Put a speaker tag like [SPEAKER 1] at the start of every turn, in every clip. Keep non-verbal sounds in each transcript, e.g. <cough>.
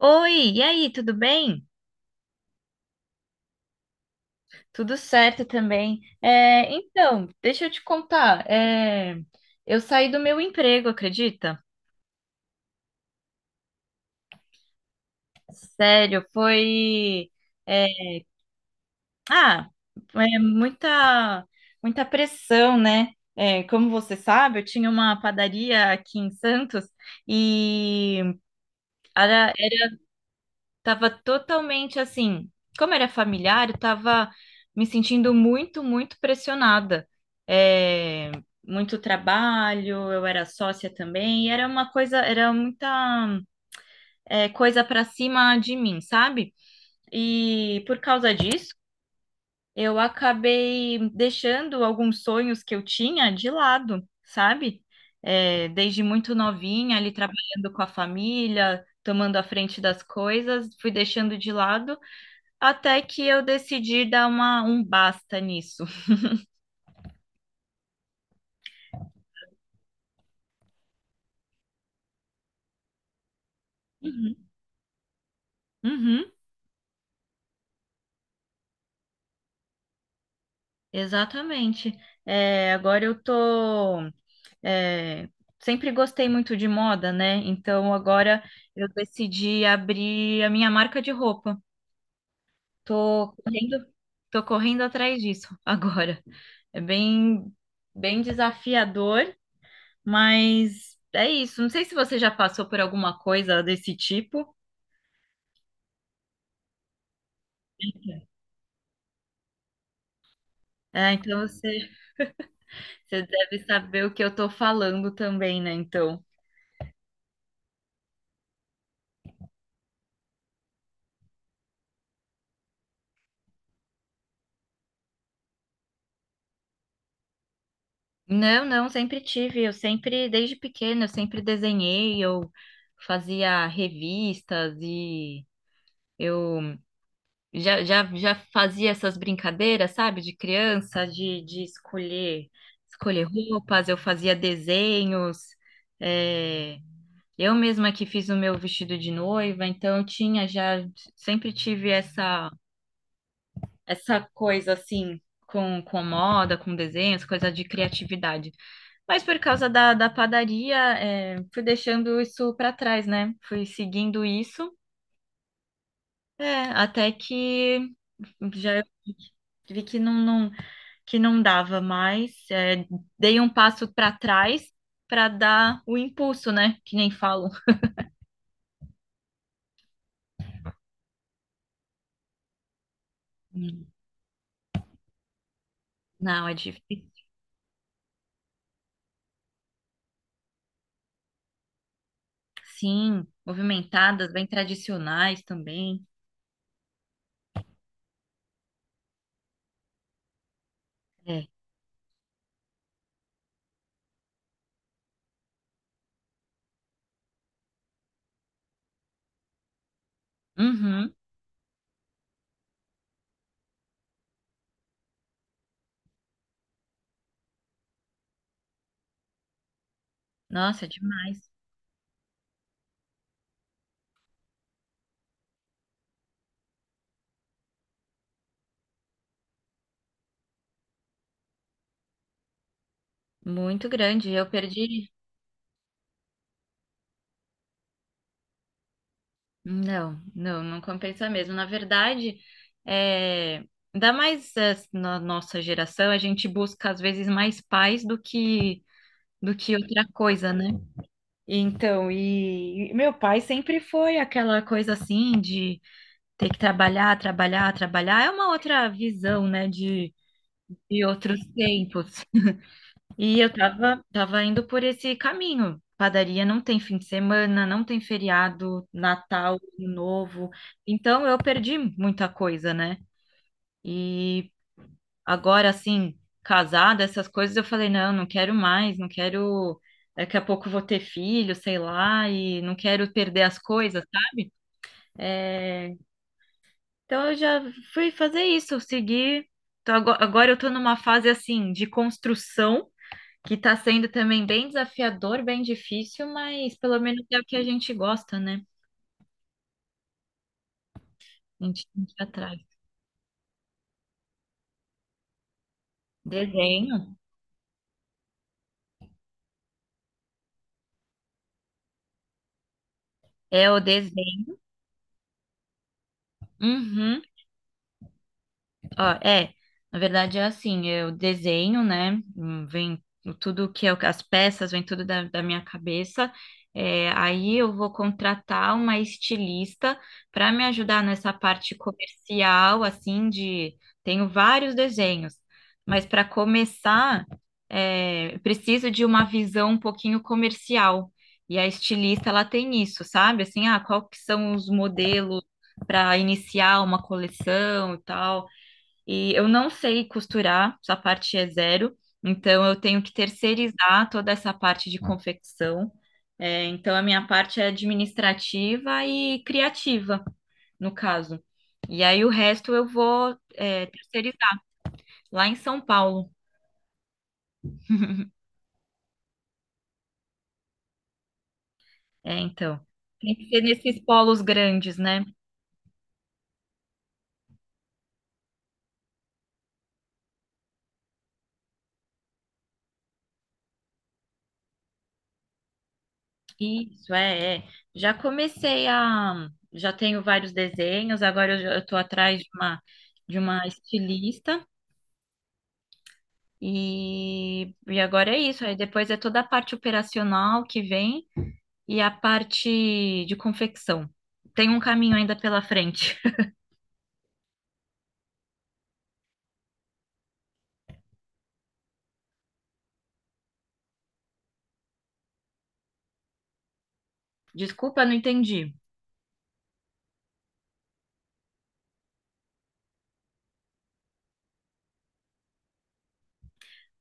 [SPEAKER 1] Oi, e aí, tudo bem? Tudo certo também. Então, deixa eu te contar. Eu saí do meu emprego, acredita? Sério, foi. é, ah, É muita pressão, né? É, como você sabe, eu tinha uma padaria aqui em Santos e era, Tava totalmente assim, como era familiar, eu tava me sentindo muito pressionada. É, muito trabalho, eu era sócia também, e era uma coisa, era muita coisa para cima de mim, sabe? E por causa disso, eu acabei deixando alguns sonhos que eu tinha de lado, sabe? É, desde muito novinha, ali trabalhando com a família, tomando a frente das coisas, fui deixando de lado. Até que eu decidi dar um basta nisso. Uhum. Uhum. Exatamente. É, agora eu tô. É, sempre gostei muito de moda, né? Então agora eu decidi abrir a minha marca de roupa. Tô correndo, Tô correndo atrás disso <laughs> agora. É bem desafiador, mas é isso. Não sei se você já passou por alguma coisa desse tipo. É, então você Você deve saber o que eu tô falando também, né? Então. Não, não, sempre tive. Eu sempre, desde pequena, eu sempre desenhei, eu fazia revistas e eu já fazia essas brincadeiras, sabe, de criança, de escolher roupas, eu fazia desenhos. É, eu mesma que fiz o meu vestido de noiva, então eu sempre tive essa coisa assim com moda, com desenhos, coisa de criatividade. Mas por causa da padaria, é, fui deixando isso para trás, né? Fui seguindo isso, é, até que já vi que não, que não dava mais. É, dei um passo para trás para dar o impulso, né? Que nem falo. Não, é difícil. Sim, movimentadas, bem tradicionais também. É. Uhum. Nossa, é demais. Muito grande. Eu perdi. Não, não, não compensa mesmo. Na verdade, é... ainda mais na nossa geração, a gente busca às vezes mais paz do que outra coisa, né? Então, e meu pai sempre foi aquela coisa assim de ter que trabalhar, trabalhar, trabalhar. É uma outra visão, né, de outros tempos. E eu tava indo por esse caminho. Padaria não tem fim de semana, não tem feriado, Natal, Ano Novo. Então eu perdi muita coisa, né? E agora, assim, casada, essas coisas, eu falei, não, não quero mais, não quero. Daqui a pouco eu vou ter filho, sei lá, e não quero perder as coisas, sabe? É, então eu já fui fazer isso, seguir. Então, agora eu tô numa fase assim de construção. Que tá sendo também bem desafiador, bem difícil, mas pelo menos é o que a gente gosta, né? A gente tem que ir atrás. Desenho? É o desenho. Uhum. Ó, é, na verdade é assim, eu desenho, né? Vem as peças, vem tudo da minha cabeça. É, aí eu vou contratar uma estilista para me ajudar nessa parte comercial, assim, de. Tenho vários desenhos, mas para começar, é, preciso de uma visão um pouquinho comercial. E a estilista, ela tem isso, sabe? Assim, ah, qual que são os modelos para iniciar uma coleção e tal. E eu não sei costurar, essa parte é zero, então eu tenho que terceirizar toda essa parte de confecção. É, então a minha parte é administrativa e criativa, no caso. E aí o resto eu vou, é, terceirizar lá em São Paulo. É, então. Tem que ser nesses polos grandes, né? Isso, é, é. Já comecei a. Já tenho vários desenhos, agora eu estou atrás de de uma estilista. E agora é isso. Aí depois é toda a parte operacional que vem e a parte de confecção. Tem um caminho ainda pela frente. <laughs> Desculpa, não entendi.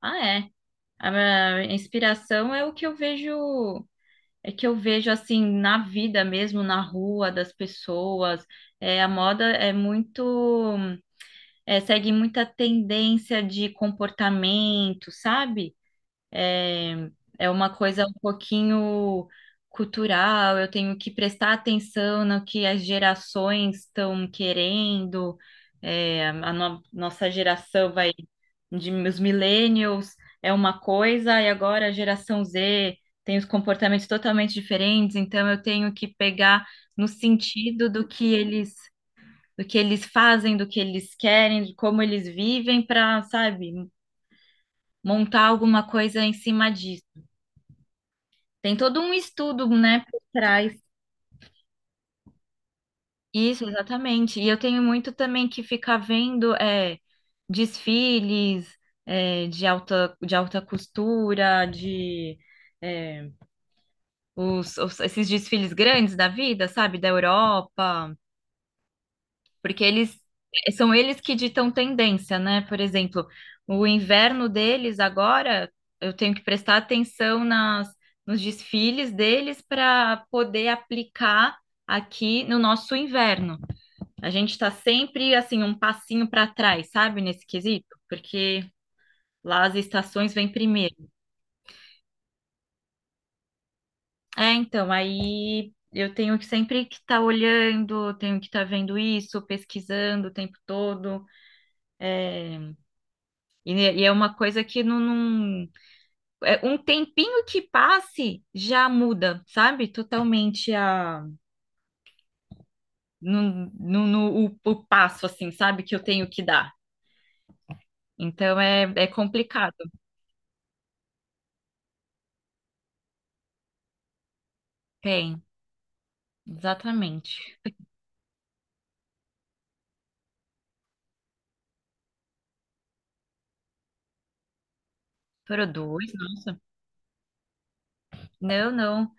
[SPEAKER 1] Ah, é. A minha inspiração é o que eu vejo, é que eu vejo assim na vida mesmo, na rua das pessoas. É, a moda é é, segue muita tendência de comportamento, sabe? É, é uma coisa um pouquinho cultural, eu tenho que prestar atenção no que as gerações estão querendo, é, a no- nossa geração vai, de, os millennials é uma coisa, e agora a geração Z tem os comportamentos totalmente diferentes, então eu tenho que pegar no sentido do que do que eles fazem, do que eles querem, de como eles vivem, para, sabe, montar alguma coisa em cima disso. Tem todo um estudo, né, por trás. Isso, exatamente. E eu tenho muito também que ficar vendo é, desfiles é, de de alta costura, de é, esses desfiles grandes da vida, sabe? Da Europa. Porque eles são eles que ditam tendência, né? Por exemplo, o inverno deles agora, eu tenho que prestar atenção nos desfiles deles para poder aplicar aqui no nosso inverno. A gente está sempre assim um passinho para trás, sabe, nesse quesito, porque lá as estações vêm primeiro. É, então, aí eu tenho que sempre que estar olhando, tenho que estar vendo isso, pesquisando o tempo todo. É, e é uma coisa que é um tempinho que passe já muda, sabe? Totalmente a o passo assim, sabe? Que eu tenho que dar. Então é complicado. Tem, exatamente. Produz, nossa. Não, não.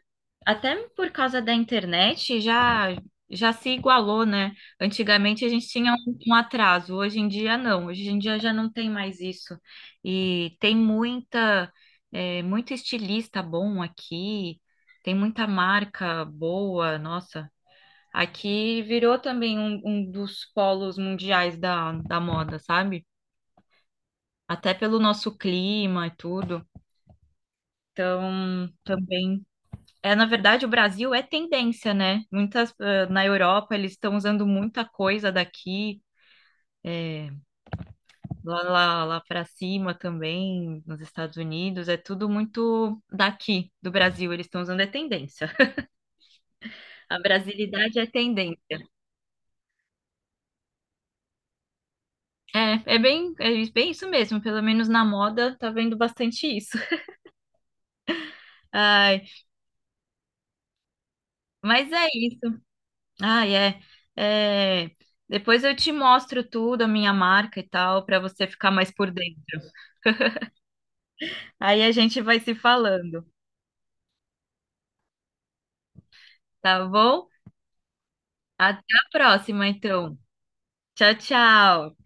[SPEAKER 1] Até por causa da internet já já se igualou, né? Antigamente a gente tinha um atraso, hoje em dia não, hoje em dia já não tem mais isso. E tem muita muito estilista bom aqui, tem muita marca boa, nossa. Aqui virou também um dos polos mundiais da moda, sabe? Até pelo nosso clima e tudo. Então, também. É, na verdade, o Brasil é tendência, né? Muitas, eh, na Europa, eles estão usando muita coisa daqui, eh, lá para cima também, nos Estados Unidos, é tudo muito daqui, do Brasil, eles estão usando é tendência. A brasilidade é tendência. É, é bem isso mesmo, pelo menos na moda, tá vendo bastante isso. <laughs> Ai, mas é isso. Ai, é. É, depois eu te mostro tudo, a minha marca e tal, para você ficar mais por dentro. Aí a gente vai se falando, tá bom? Até a próxima, então. Tchau, tchau.